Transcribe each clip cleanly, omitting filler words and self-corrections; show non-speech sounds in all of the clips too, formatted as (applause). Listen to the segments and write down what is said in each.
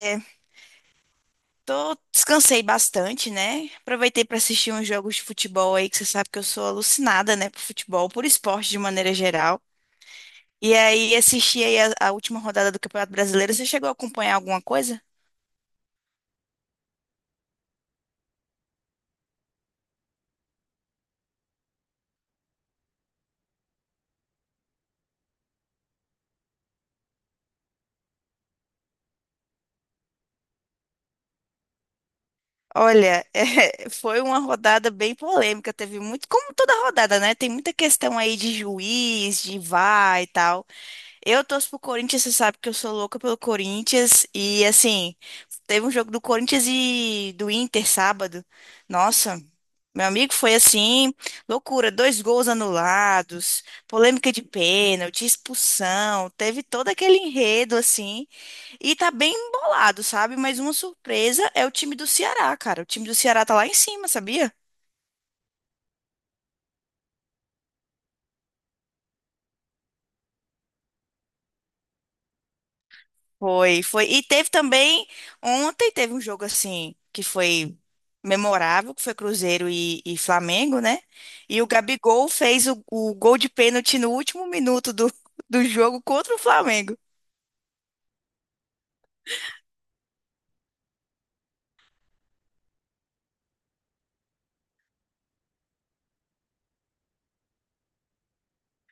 É, tô, descansei bastante, né? Aproveitei para assistir uns jogos de futebol aí, que você sabe que eu sou alucinada, né, por futebol, por esporte de maneira geral. E aí assisti aí a última rodada do Campeonato Brasileiro. Você chegou a acompanhar alguma coisa? Olha, (laughs) é, foi uma rodada bem polêmica, teve muito, como toda rodada, né? Tem muita questão aí de juiz, de VAR e tal. Eu torço pro Corinthians, você sabe que eu sou louca pelo Corinthians. E assim, teve um jogo do Corinthians e do Inter sábado. Nossa, meu amigo, foi assim, loucura, dois gols anulados, polêmica de pênalti, expulsão, teve todo aquele enredo assim. E tá bem embolado, sabe? Mas uma surpresa é o time do Ceará, cara. O time do Ceará tá lá em cima, sabia? Foi, foi. E teve também, ontem teve um jogo assim, que foi memorável, que foi Cruzeiro e Flamengo, né? E o Gabigol fez o gol de pênalti no último minuto do, (laughs) do jogo contra o Flamengo.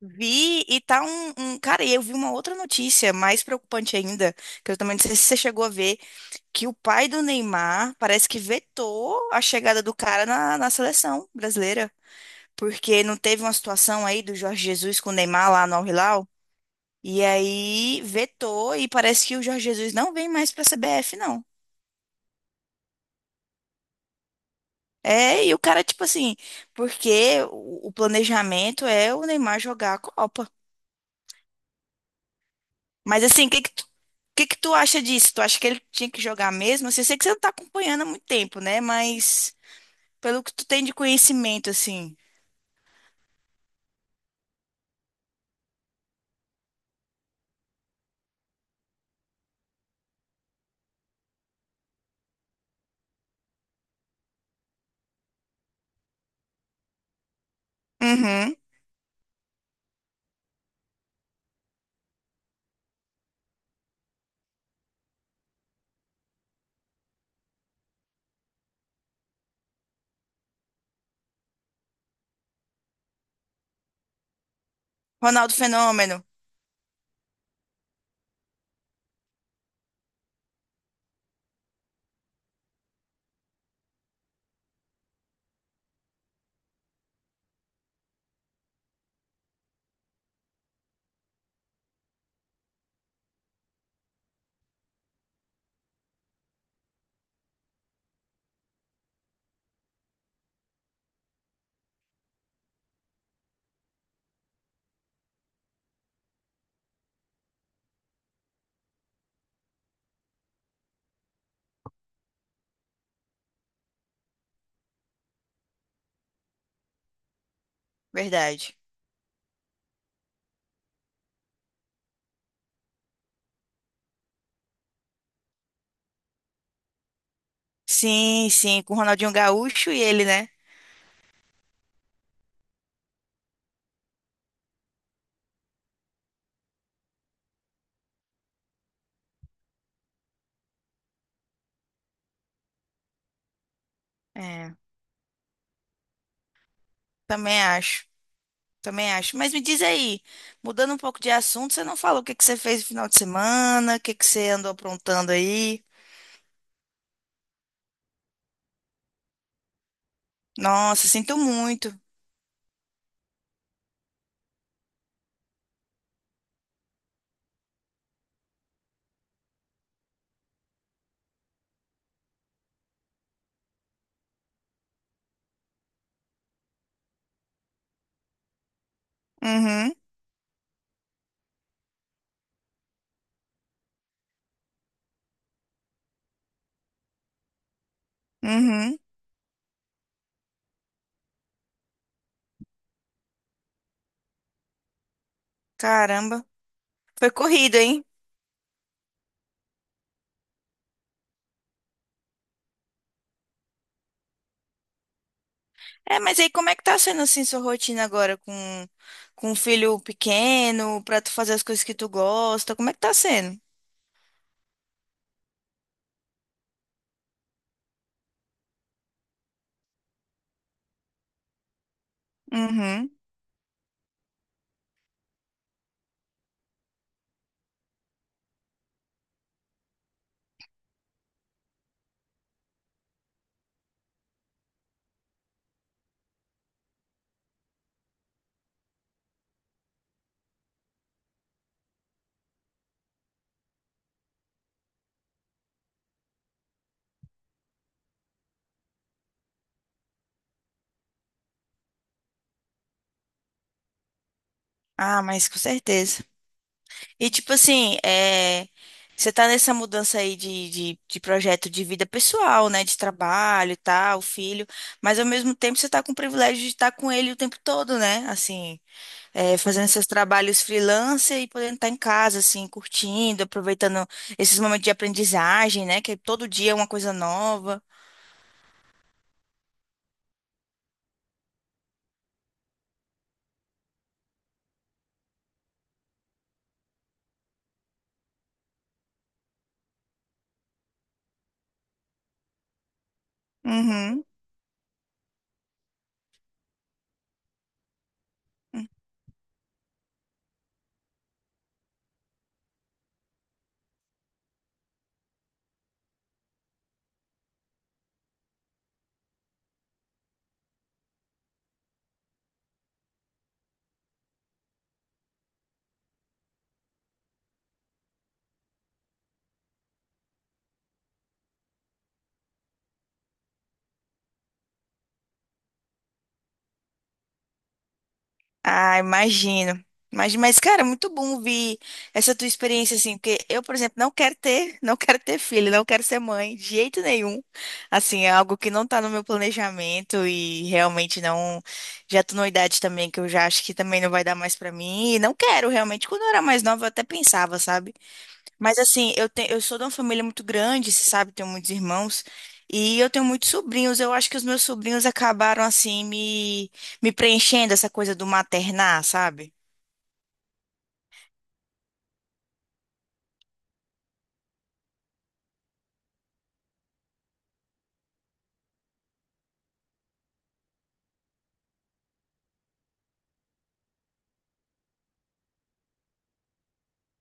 Vi e tá um, um- Cara, e eu vi uma outra notícia mais preocupante ainda, que eu também não sei se você chegou a ver, que o pai do Neymar parece que vetou a chegada do cara na, na seleção brasileira. Porque não teve uma situação aí do Jorge Jesus com o Neymar lá no Al-Hilal? E aí vetou e parece que o Jorge Jesus não vem mais para a CBF, não. É, e o cara, tipo assim, porque o planejamento é o Neymar jogar a Copa. Mas assim, o que que tu, o que que tu acha disso? Tu acha que ele tinha que jogar mesmo? Assim, eu sei que você não tá acompanhando há muito tempo, né? Mas pelo que tu tem de conhecimento, assim. Uhum. Ronaldo Fenômeno, verdade. Sim, sim, com o Ronaldinho Gaúcho e ele, né? É, também acho. Também acho. Mas me diz aí, mudando um pouco de assunto, você não falou o que que você fez no final de semana, o que que você andou aprontando aí? Nossa, sinto muito. Uhum, uhum. Caramba. Foi corrido, hein? É, mas aí como é que tá sendo assim sua rotina agora com um filho pequeno, pra tu fazer as coisas que tu gosta? Como é que tá sendo? Uhum. Ah, mas com certeza. E tipo assim, é, você tá nessa mudança aí de projeto de vida pessoal, né? De trabalho e tal, filho, mas ao mesmo tempo você tá com o privilégio de estar com ele o tempo todo, né? Assim, é, fazendo seus trabalhos freelancer e podendo estar em casa, assim, curtindo, aproveitando esses momentos de aprendizagem, né? Que é todo dia é uma coisa nova. Uhum. Ah, imagino. Imagino, mas, cara, é muito bom ouvir essa tua experiência, assim, porque eu, por exemplo, não quero ter, (laughs) não quero ter filho, não quero ser mãe, de jeito nenhum. Assim, é algo que não tá no meu planejamento e realmente não. Já tô numa idade também que eu já acho que também não vai dar mais pra mim. E não quero, realmente. Quando eu era mais nova, eu até pensava, sabe? Mas assim, eu sou de uma família muito grande, você sabe, tenho muitos irmãos, e eu tenho muitos sobrinhos. Eu acho que os meus sobrinhos acabaram assim me, me preenchendo essa coisa do maternar, sabe?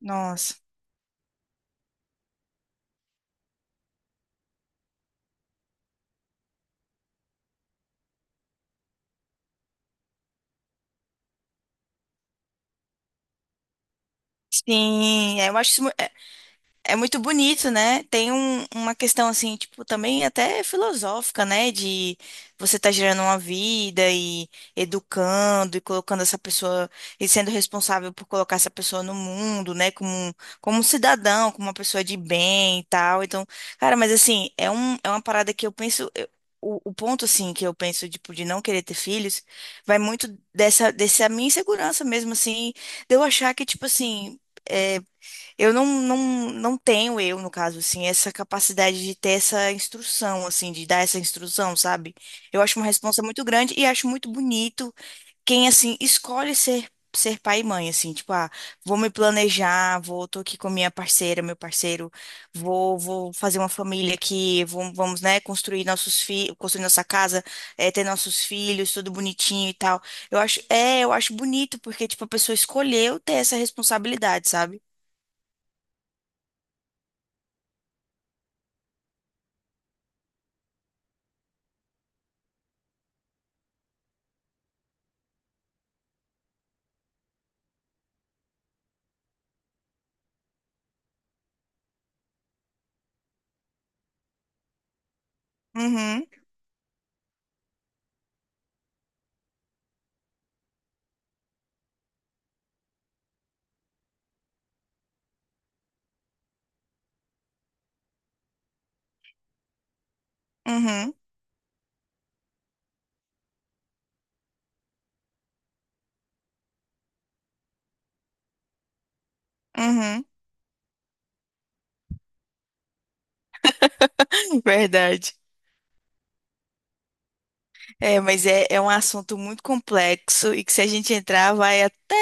Nossa. Sim, é, eu acho isso. É muito bonito, né? Tem um- uma questão assim, tipo, também até filosófica, né? De você estar gerando uma vida e educando e colocando essa pessoa e sendo responsável por colocar essa pessoa no mundo, né? Como um cidadão, como uma pessoa de bem e tal. Então, cara, mas assim, é um, é uma parada que eu penso. Eu- o ponto, assim, que eu penso, tipo, de não querer ter filhos, vai muito dessa minha insegurança mesmo, assim, de eu achar que, tipo assim. É, eu não tenho eu, no caso, assim, essa capacidade de ter essa instrução, assim, de dar essa instrução, sabe? Eu acho uma responsa muito grande e acho muito bonito quem, assim, escolhe ser pai e mãe, assim, tipo, ah, vou me planejar, vou, tô aqui com minha parceira, meu parceiro, vou, vou fazer uma família aqui, vamos, né, construir nossos filhos, construir nossa casa, ter nossos filhos, tudo bonitinho e tal. Eu acho, é, eu acho bonito, porque, tipo, a pessoa escolheu ter essa responsabilidade, sabe? Uhum. Uhum, uhum, (laughs) verdade. É, mas é, é um assunto muito complexo e que se a gente entrar vai até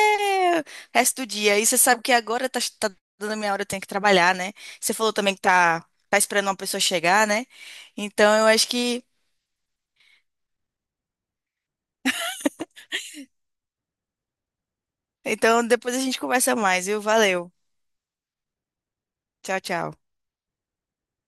o resto do dia. E você sabe que agora tá, tá dando a minha hora, eu tenho que trabalhar, né? Você falou também que tá, tá esperando uma pessoa chegar, né? Então eu acho que. Então depois a gente conversa mais, viu? Valeu. Tchau, tchau.